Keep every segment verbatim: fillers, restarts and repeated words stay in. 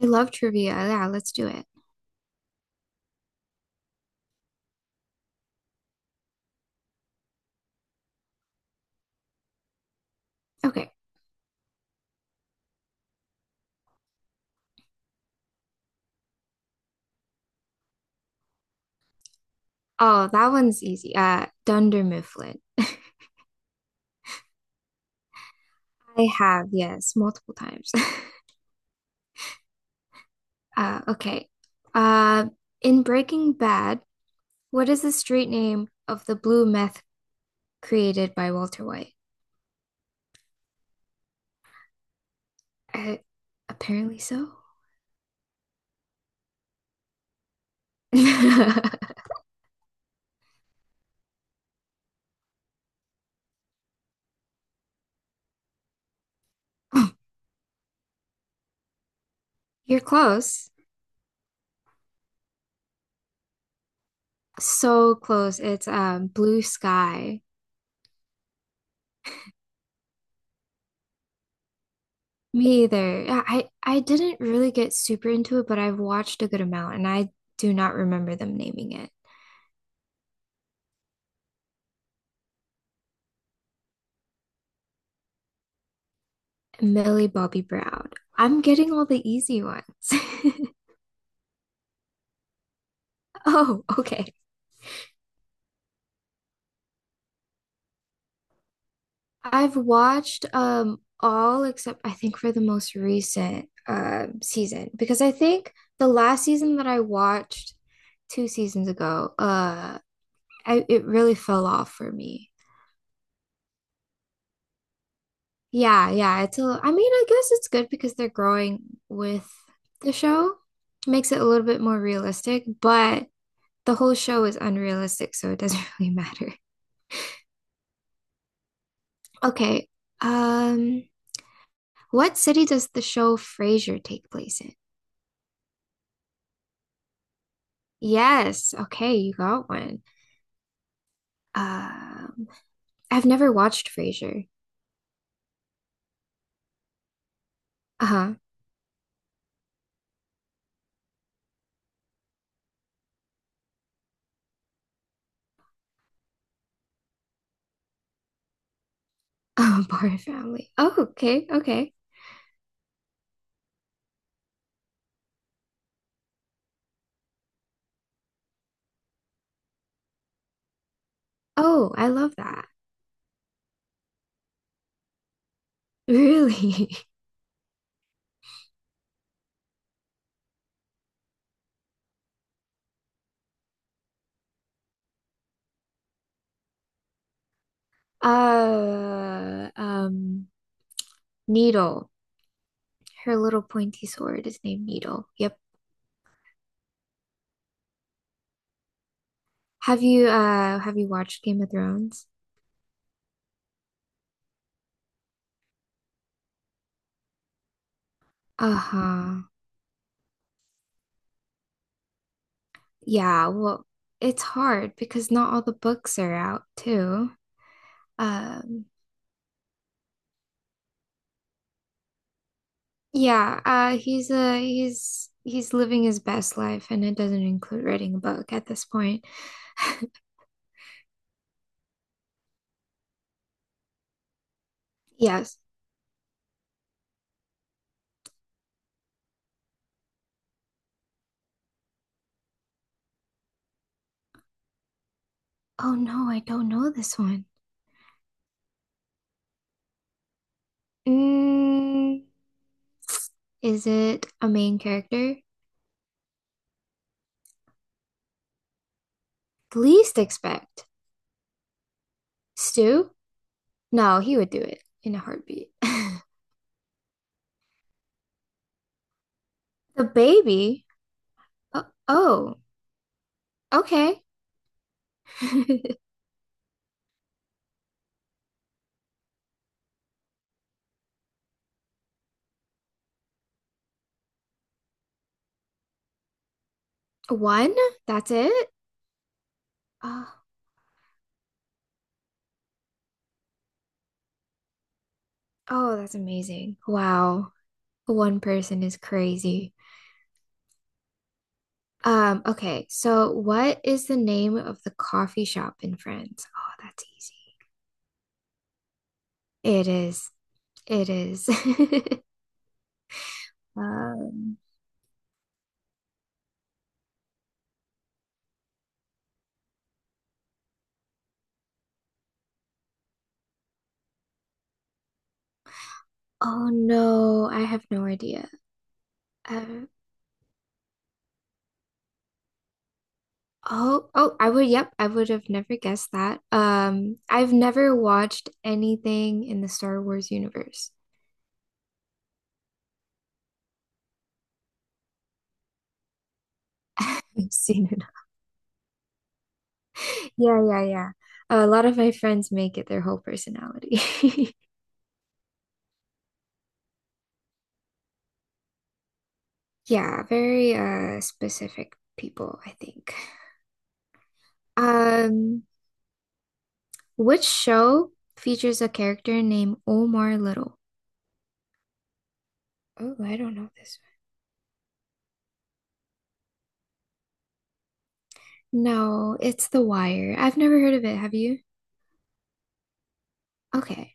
I love trivia. Yeah, let's do it. Okay. Oh, that one's easy. Uh, Dunder Mifflin. I have, yes, multiple times. Uh, okay. Uh, in Breaking Bad, what is the street name of the blue meth created by Walter White? Uh, Apparently so. You're close. So close. It's um Blue Sky. Me either. Yeah, I I didn't really get super into it, but I've watched a good amount and I do not remember them naming it. Millie Bobby Brown. I'm getting all the easy ones. Oh, okay. I've watched um all except I think for the most recent uh season because I think the last season that I watched two seasons ago, uh I, it really fell off for me. Yeah, yeah, it's a, I mean, I guess it's good because they're growing with the show. Makes it a little bit more realistic, but the whole show is unrealistic, so it doesn't really matter. Okay. Um, what city does the show Frasier take place in? Yes. Okay, you got one. Um, I've never watched Frasier. Uh-huh. Oh, Barn Family. Oh, okay, okay. Oh, I love that. Really? Uh, um, Needle. Her little pointy sword is named Needle. Yep. Have you uh have you watched Game of Thrones? Uh-huh. Yeah, well, it's hard because not all the books are out too. Um, yeah, uh, he's uh he's he's living his best life, and it doesn't include writing a book at this point. Yes. Oh no, I don't know this one. Mm, is it a main character? Least expect. Stu? No, he would do it in a heartbeat. The baby? Oh, oh, okay. One? That's it? Uh, Oh, that's amazing. Wow. One person is crazy. Um, okay, so what is the name of the coffee shop in France? Oh, that's easy. It is. It is. Um, oh no, I have no idea. Uh, oh, oh, I would, yep, I would have never guessed that. Um, I've never watched anything in the Star Wars universe. I've seen it. Yeah, yeah, yeah. A lot of my friends make it their whole personality. Yeah, very uh specific people, I think. Um, which show features a character named Omar Little? Oh, I don't know this one. No, it's The Wire. I've never heard of it, have you? Okay.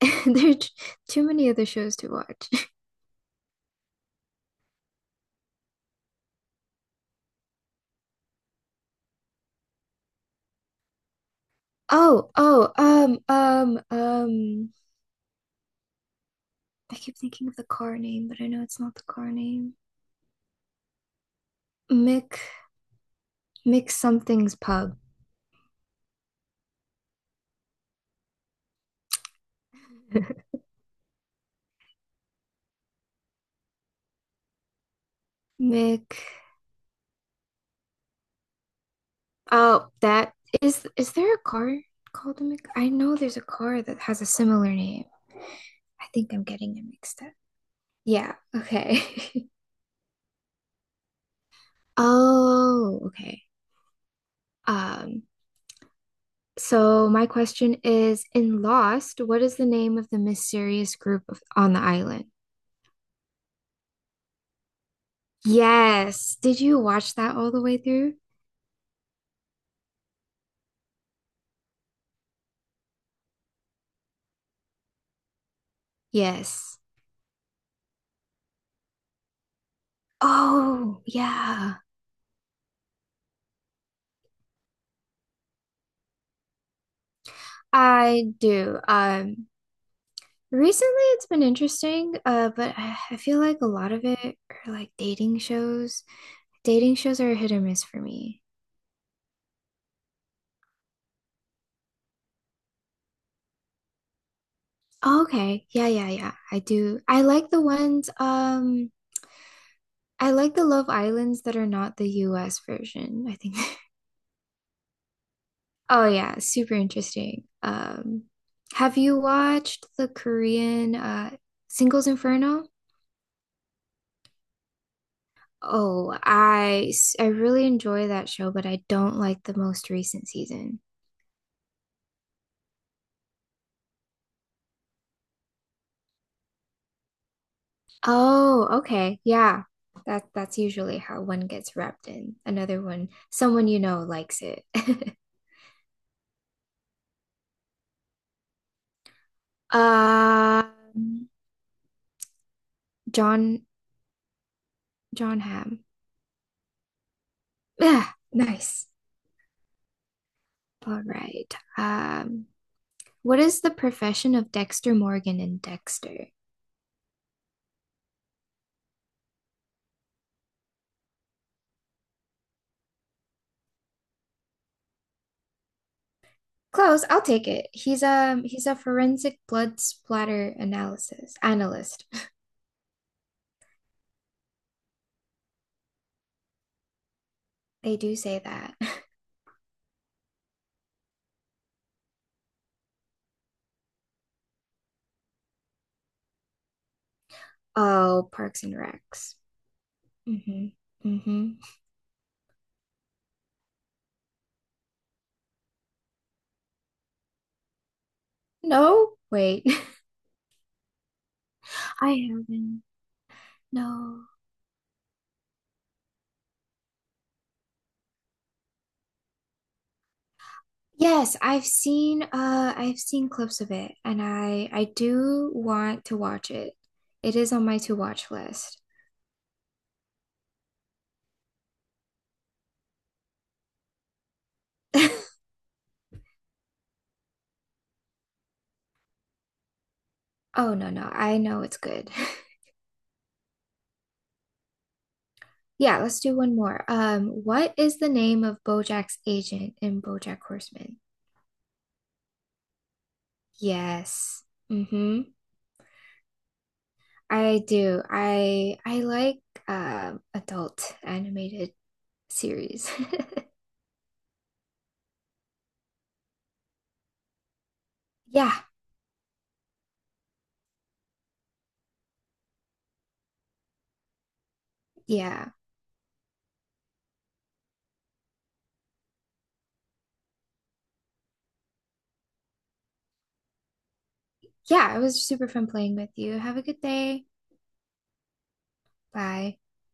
There are t- Too many other shows to watch. Oh, oh, um, um, um, I keep thinking of the car name, but I know it's not the car name. Mick, Mick something's pub. Mick. Oh, that is is there a car called a Mc, I know there's a car that has a similar name. I think I'm getting it mixed up. Yeah, okay. Oh, okay. Um, so my question is, in Lost, what is the name of the mysterious group of, on the island? Yes. Did you watch that all the way through? Yes. Oh, yeah. I do. Um, Recently, it's been interesting, uh, but I, I feel like a lot of it are like dating shows. Dating shows are a hit or miss for me. Oh, okay. Yeah, yeah, yeah. I do. I like the ones, um, I like the Love Islands that are not the U S version, I think. Oh yeah, super interesting. Um, have you watched the Korean uh Singles Inferno? Oh, I s- I really enjoy that show, but I don't like the most recent season. Oh, okay. Yeah. That that's usually how one gets wrapped in. Another one, someone you know likes it. Um, John John Hamm. Yeah, nice. All right. Um, what is the profession of Dexter Morgan in Dexter? Close, I'll take it. He's um he's a forensic blood splatter analysis analyst. They do say that. Oh, Parks and Recs. Mm-hmm. Mm-hmm. No, wait. I haven't. No. Yes, I've seen uh I've seen clips of it and I I do want to watch it. It is on my to watch list. Oh no no, I know it's good. Yeah, let's do one more. Um, what is the name of BoJack's agent in BoJack Horseman? Yes. Mm-hmm. I do. I I like um adult animated series. Yeah, yeah. Yeah, it was super fun playing with you. Have a good day. Bye.